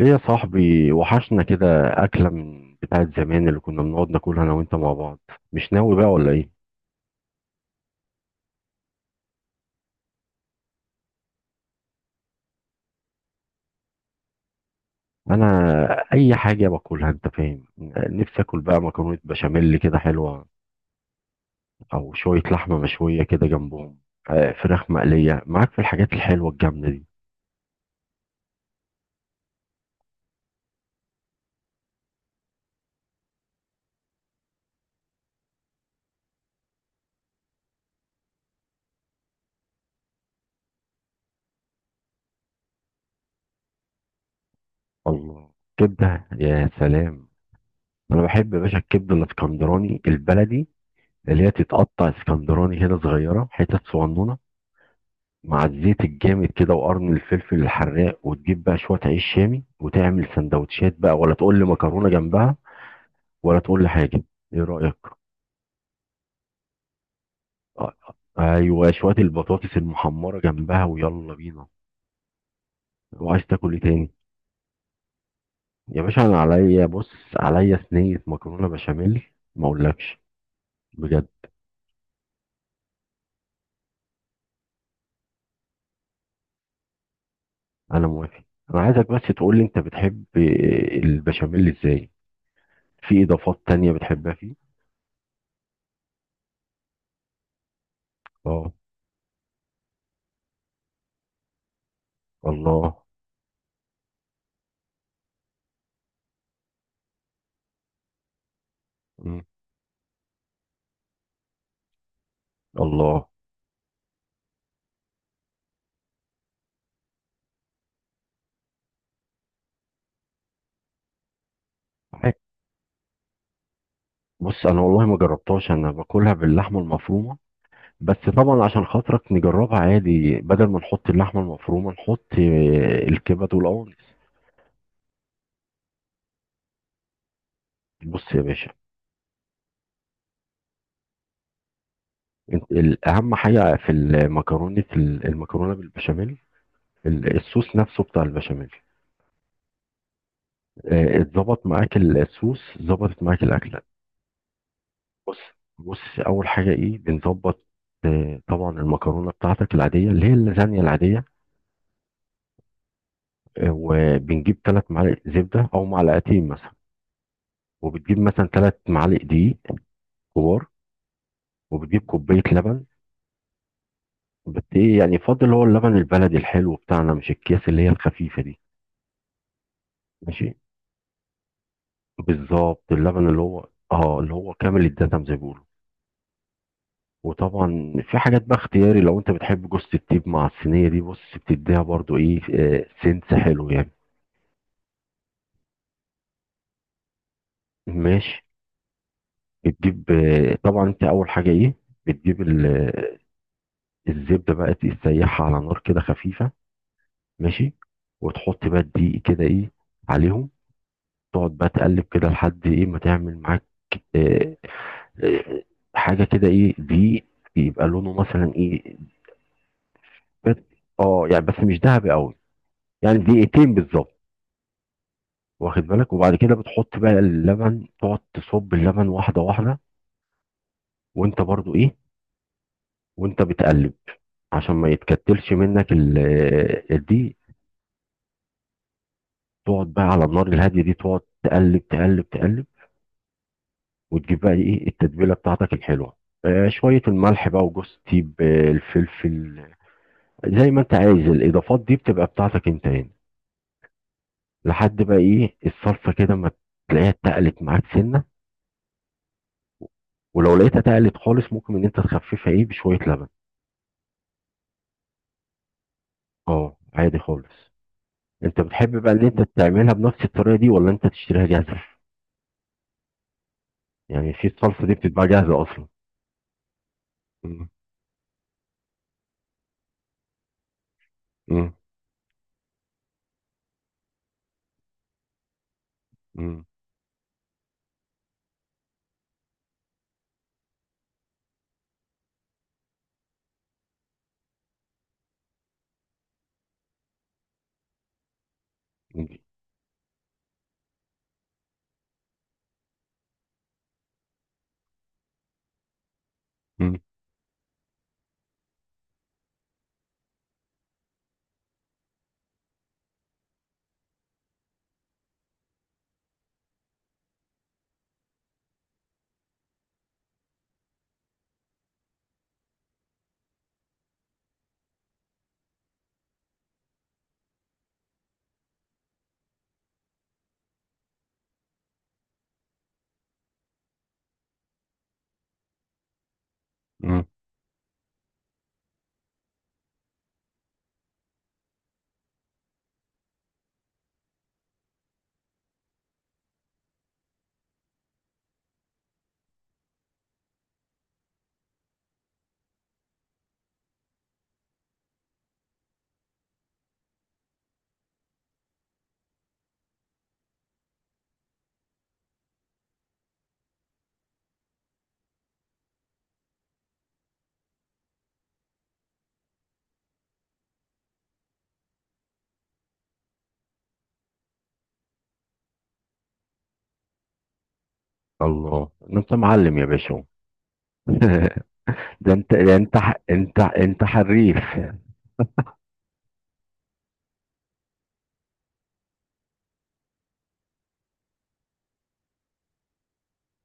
ايه يا صاحبي وحشنا كده. اكله من بتاعه زمان اللي كنا بنقعد ناكلها انا وانت مع بعض. مش ناوي بقى ولا ايه؟ انا اي حاجه باكلها انت فاهم. نفسي اكل بقى مكرونه بشاميل كده حلوه، او شويه لحمه مشويه كده جنبهم. فراخ مقليه معاك في الحاجات الحلوه الجامده دي. الله، كبده يا سلام. انا بحب يا باشا الكبده الاسكندراني البلدي، اللي هي تتقطع اسكندراني كده صغيره حتت صغنونه، مع الزيت الجامد كده وقرن الفلفل الحراق، وتجيب بقى شوية عيش شامي وتعمل سندوتشات، بقى ولا تقول لي مكرونة جنبها. ولا تقول لي حاجة، ايه رأيك؟ آه، ايوه شوية البطاطس المحمرة جنبها ويلا بينا. وعايز تاكل ايه تاني؟ يا باشا انا عليا بص، عليا صينية مكرونة بشاميل، ما اقولكش. بجد، انا موافق. انا عايزك بس تقول لي انت بتحب البشاميل ازاي؟ في اضافات تانية بتحبها فيه؟ اه، الله. مم. الله. بص انا والله ما جربتهاش، انا باكلها باللحمه المفرومه، بس طبعا عشان خاطرك نجربها عادي، بدل ما نحط اللحمه المفرومه نحط الكبد والقوانص. بص يا باشا، اهم حاجه في المكرونه، المكرونه بالبشاميل، الصوص نفسه بتاع البشاميل. اتظبط معاك الصوص، ظبطت معاك الاكله. بص بص، اول حاجه ايه بنظبط؟ طبعا المكرونه بتاعتك العاديه اللي هي اللازانيا العاديه. وبنجيب ثلاث معالق زبده او معلقتين مثلا، وبتجيب مثلا 3 معالق دقيق كبار، وبتجيب كوبايه لبن. بت ايه يعني فاضل هو اللبن البلدي الحلو بتاعنا، مش الاكياس اللي هي الخفيفه دي. ماشي، بالظبط اللبن اللي هو اه اللي هو كامل الدسم زي ما بيقولوا. وطبعا في حاجات بقى اختياري، لو انت بتحب جوز الطيب مع الصينيه دي بص بتديها برضو ايه آه سنس حلو يعني. ماشي، بتجيب طبعا انت اول حاجه ايه، بتجيب الزبده بقى تسيحها على نار كده خفيفه. ماشي، وتحط بقى الدقيق كده ايه عليهم، تقعد بقى تقلب كده لحد ايه ما تعمل معاك آه، آه، حاجه كده ايه دي، يبقى لونه مثلا ايه؟ بس، اه يعني بس مش ذهبي قوي، يعني دقيقتين بالظبط. واخد بالك؟ وبعد كده بتحط بقى اللبن، تقعد تصب اللبن واحده واحده، وانت برضو ايه وانت بتقلب، عشان ما يتكتلش منك دي. تقعد بقى على النار الهاديه دي تقعد تقلب تقلب تقلب، وتجيب بقى ايه التتبيله بتاعتك الحلوه، شويه الملح بقى وجوز تيب الفلفل. زي ما انت عايز الاضافات دي بتبقى بتاعتك انت هنا، لحد بقى ايه الصلصه كده ما تلاقيها اتقلت معاك سنه، ولو لقيتها اتقلت خالص ممكن ان انت تخففها ايه بشويه لبن. اه عادي خالص. انت بتحب بقى ان انت تعملها بنفس الطريقه دي ولا انت تشتريها جاهزه؟ يعني في الصلصه دي بتتباع جاهزه اصلا. مم. مم. مم. مم. مم. الله، ده انت معلم يا باشا! ده انت ده انت ح- انت انت حريف.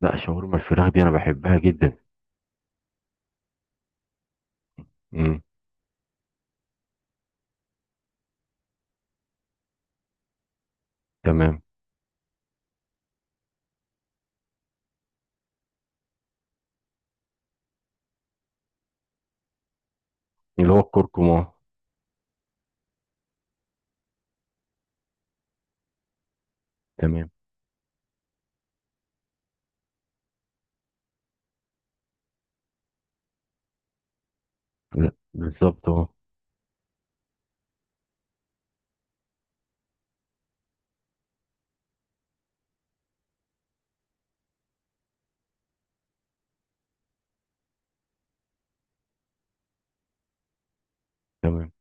لا، شاورما الفراخ دي انا بحبها جدا. مم. تمام، اللي هو الكركم اه، تمام. لا، بالظبط اه. تمام.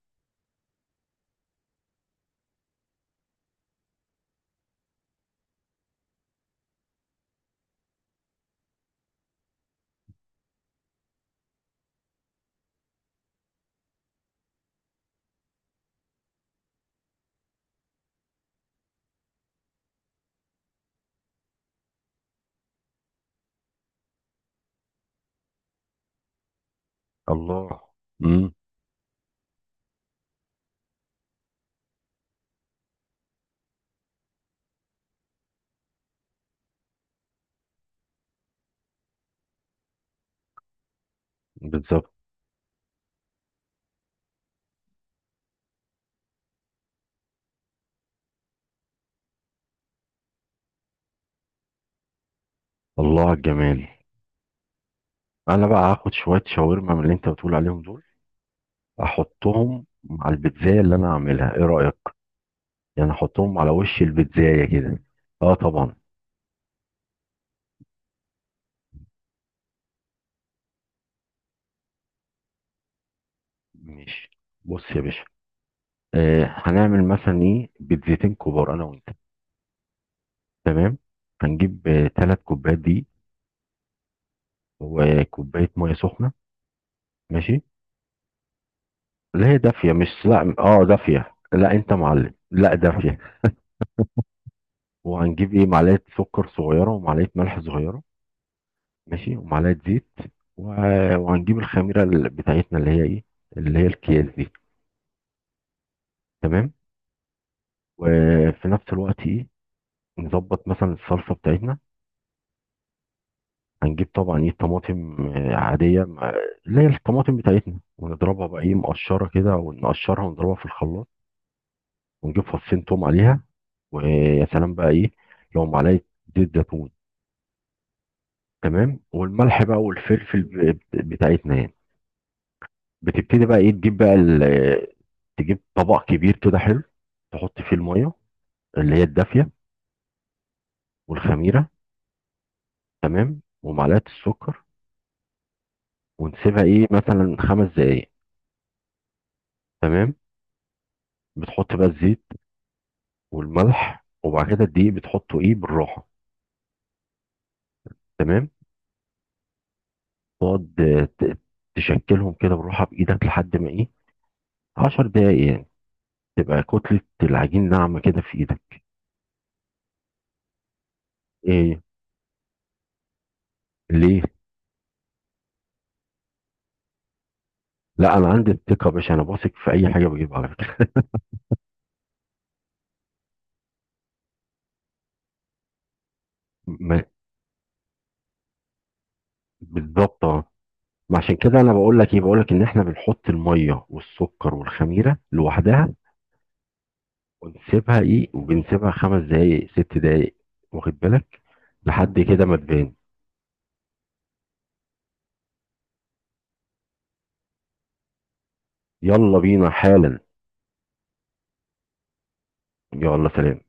الله. امم. بالظبط. الله على الجمال. انا بقى هاخد شويه شاورما من اللي انت بتقول عليهم دول، احطهم مع البيتزايه اللي انا هعملها، ايه رايك؟ يعني احطهم على وش البيتزايه كده. اه طبعا. ماشي، بص يا باشا. آه هنعمل مثلا ايه بيتزتين كبار انا وانت. تمام، هنجيب ثلاث كوبايات دي، وكوبايه ميه سخنه. ماشي. ليه دافية مش لا اه دافية لا انت معلم لا دافية. وهنجيب ايه معلقة سكر صغيرة ومعلقة ملح صغيرة. ماشي، ومعلقة زيت. وهنجيب الخميرة بتاعتنا اللي هي ايه، اللي هي الكياس دي. تمام. وفي نفس الوقت ايه، نظبط مثلا الصلصة بتاعتنا. هنجيب طبعا ايه طماطم عادية مع اللي هي الطماطم بتاعتنا، ونضربها بقى ايه مقشرة كده، ونقشرها ونضربها في الخلاط، ونجيب فصين توم عليها. ويا سلام بقى ايه لو معلقة زيت زيتون. تمام، والملح بقى والفلفل بتاعتنا يعني. بتبتدي بقى ايه تجيب بقى تجيب طبق كبير كده حلو، تحط فيه الميه اللي هي الدافيه، والخميره. تمام، ومعلقه السكر. ونسيبها ايه مثلا 5 دقايق. تمام. بتحط بقى الزيت والملح، وبعد كده الدقيق بتحطه ايه بالراحه. تمام. تقعد تشكلهم كده بالراحه بايدك لحد ما ايه 10 دقايق يعني، تبقى كتله العجين ناعمه كده في ايدك. ايه؟ ليه؟ لا، انا عندي الثقه يا باشا، انا بثق في اي حاجه بجيبها على فكره. ما- بالظبط اه. ما عشان كده انا بقول لك ايه، بقول لك ان احنا بنحط الميه والسكر والخميره لوحدها، ونسيبها ايه، وبنسيبها 5 دقائق 6 دقائق، واخد بالك، لحد كده ما تبان. يلا بينا حالا. يلا، سلام.